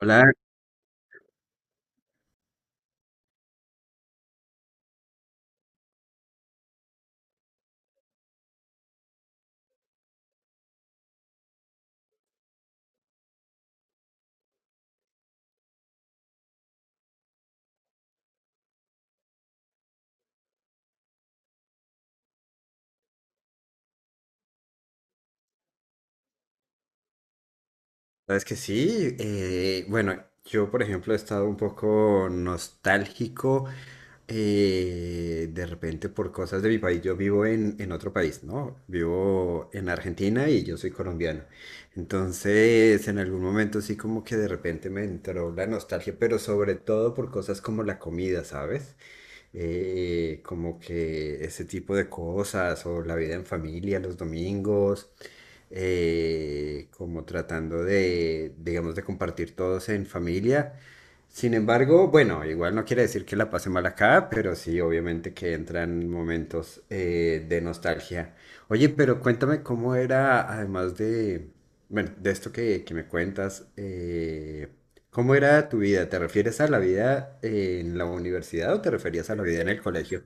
Hola, sabes que sí. Bueno, yo por ejemplo he estado un poco nostálgico de repente por cosas de mi país. Yo vivo en otro país, ¿no? Vivo en Argentina y yo soy colombiano. Entonces, en algún momento sí como que de repente me entró la nostalgia, pero sobre todo por cosas como la comida, ¿sabes? Como que ese tipo de cosas, o la vida en familia los domingos, como tratando de, digamos, de compartir todos en familia. Sin embargo, bueno, igual no quiere decir que la pase mal acá, pero sí, obviamente que entran momentos de nostalgia. Oye, pero cuéntame cómo era, además de, bueno, de esto que me cuentas, ¿cómo era tu vida? ¿Te refieres a la vida en la universidad o te referías a la vida en el colegio?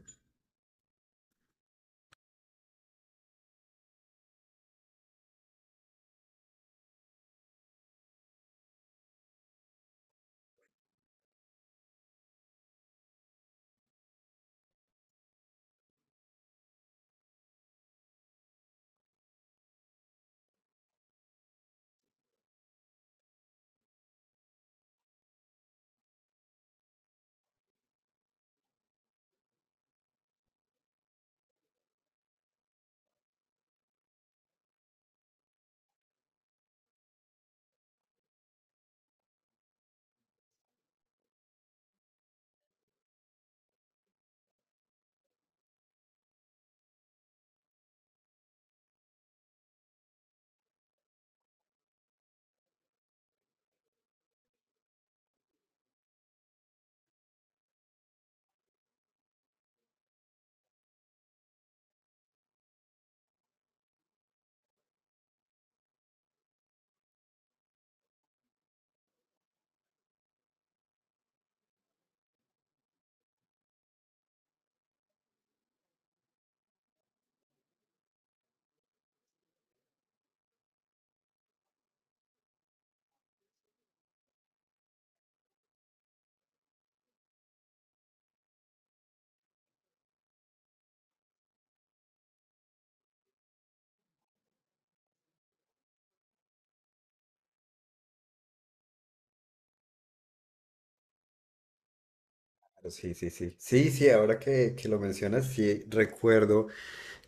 Claro. Sí, sí, sí. Sí, sí, ahora que lo mencionas, sí recuerdo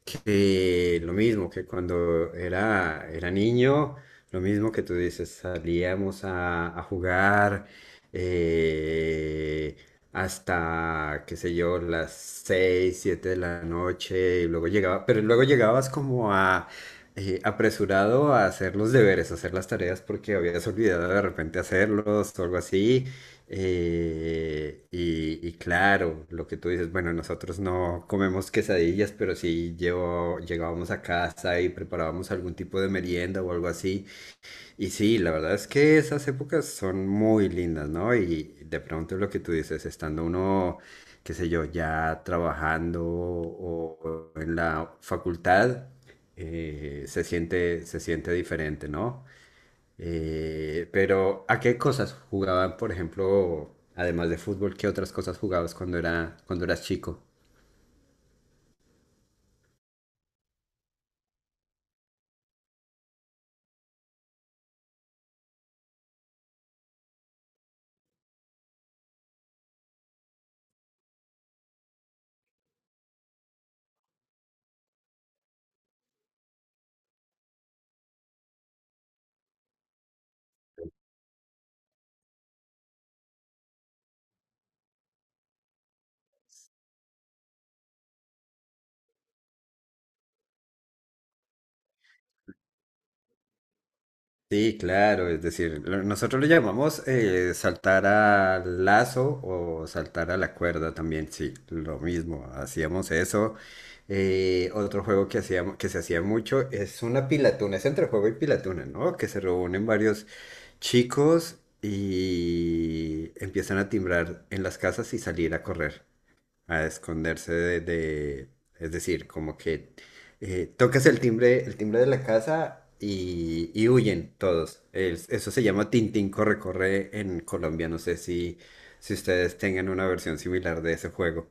que lo mismo que cuando era niño, lo mismo que tú dices, salíamos a jugar eh, hasta, qué sé yo, las 6, 7 de la noche, y luego llegaba, pero luego llegabas como a apresurado a hacer los deberes, a hacer las tareas porque habías olvidado de repente hacerlos o algo así, y claro, lo que tú dices, bueno, nosotros no comemos quesadillas, pero sí llevo, llegábamos a casa y preparábamos algún tipo de merienda o algo así. Y sí, la verdad es que esas épocas son muy lindas, ¿no? Y de pronto lo que tú dices, estando uno, qué sé yo, ya trabajando o en la facultad, se siente diferente, ¿no? Pero ¿a qué cosas jugaban, por ejemplo, además de fútbol, qué otras cosas jugabas cuando cuando eras chico? Sí, claro, es decir, nosotros lo llamamos saltar al lazo o saltar a la cuerda también, sí, lo mismo, hacíamos eso. Otro juego que hacíamos, que se hacía mucho es una pilatuna, es entre juego y pilatuna, ¿no? Que se reúnen varios chicos y empiezan a timbrar en las casas y salir a correr a esconderse es decir, como que tocas el timbre de la casa y huyen todos. Eso se llama Tintín corre corre en Colombia. No sé si ustedes tengan una versión similar de ese juego.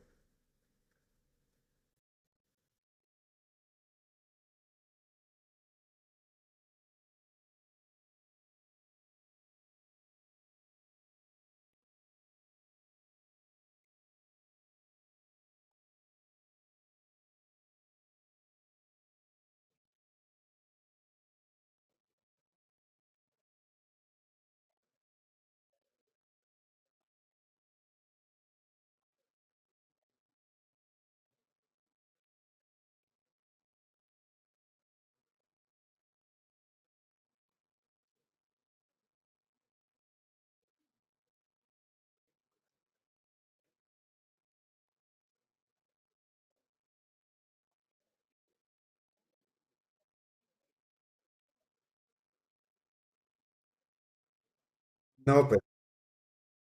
No, pues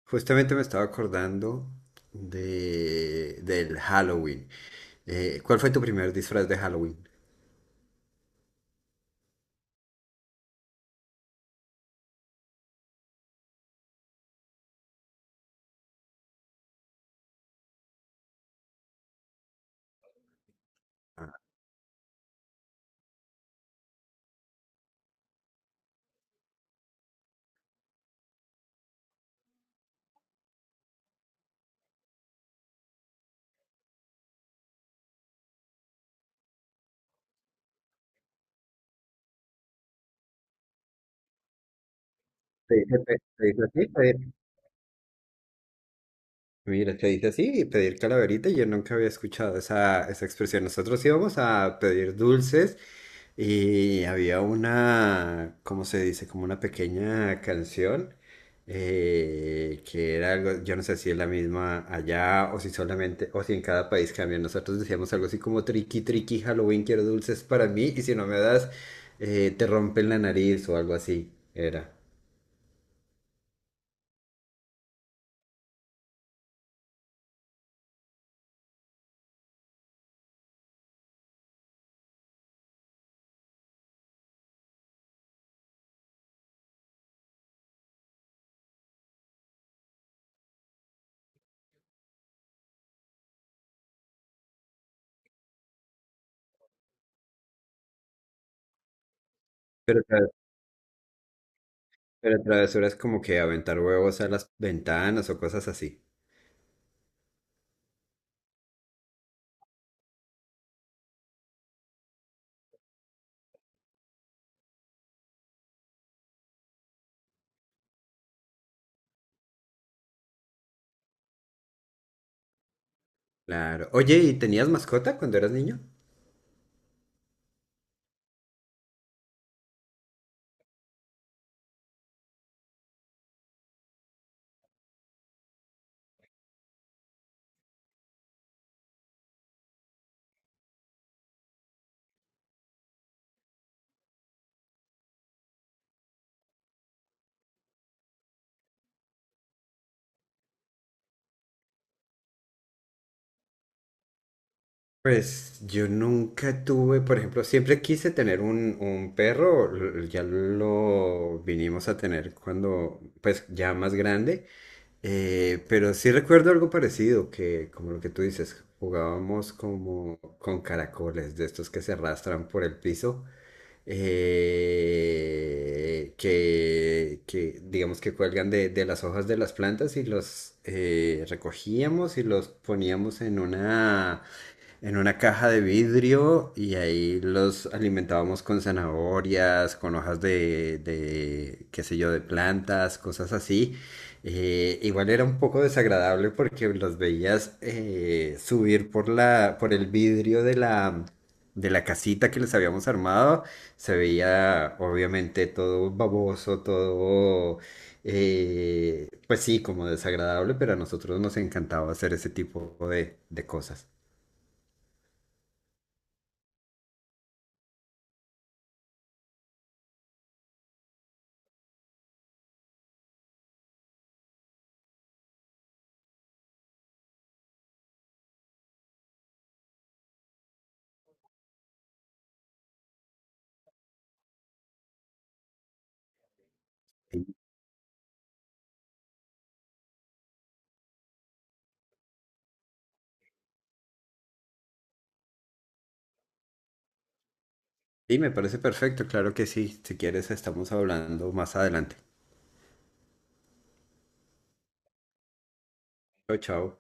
justamente me estaba acordando de del Halloween. ¿Cuál fue tu primer disfraz de Halloween? Ah, ¿te te dice así? Mira, te dice así, pedir calaverita, yo nunca había escuchado esa expresión. Nosotros íbamos a pedir dulces y había una, ¿cómo se dice? Como una pequeña canción que era algo, yo no sé si es la misma allá o si solamente, o si en cada país cambia. Nosotros decíamos algo así como triqui, triqui, Halloween, quiero dulces para mí y si no me das, te rompen la nariz o algo así, era. Pero Pero travesuras como que aventar huevos a las ventanas o cosas así. Claro. Oye, ¿y tenías mascota cuando eras niño? Pues yo nunca tuve, por ejemplo, siempre quise tener un perro, ya lo vinimos a tener cuando, pues ya más grande, pero sí recuerdo algo parecido, que como lo que tú dices, jugábamos como con caracoles, de estos que se arrastran por el piso. Que, digamos que cuelgan de las hojas de las plantas y los recogíamos y los poníamos en una caja de vidrio y ahí los alimentábamos con zanahorias, con hojas de qué sé yo, de plantas, cosas así. Igual era un poco desagradable porque los veías subir por por el vidrio de de la casita que les habíamos armado. Se veía obviamente todo baboso, todo, pues sí, como desagradable, pero a nosotros nos encantaba hacer ese tipo de cosas. Sí, me parece perfecto, claro que sí. Si quieres, estamos hablando más adelante. Chao, chao.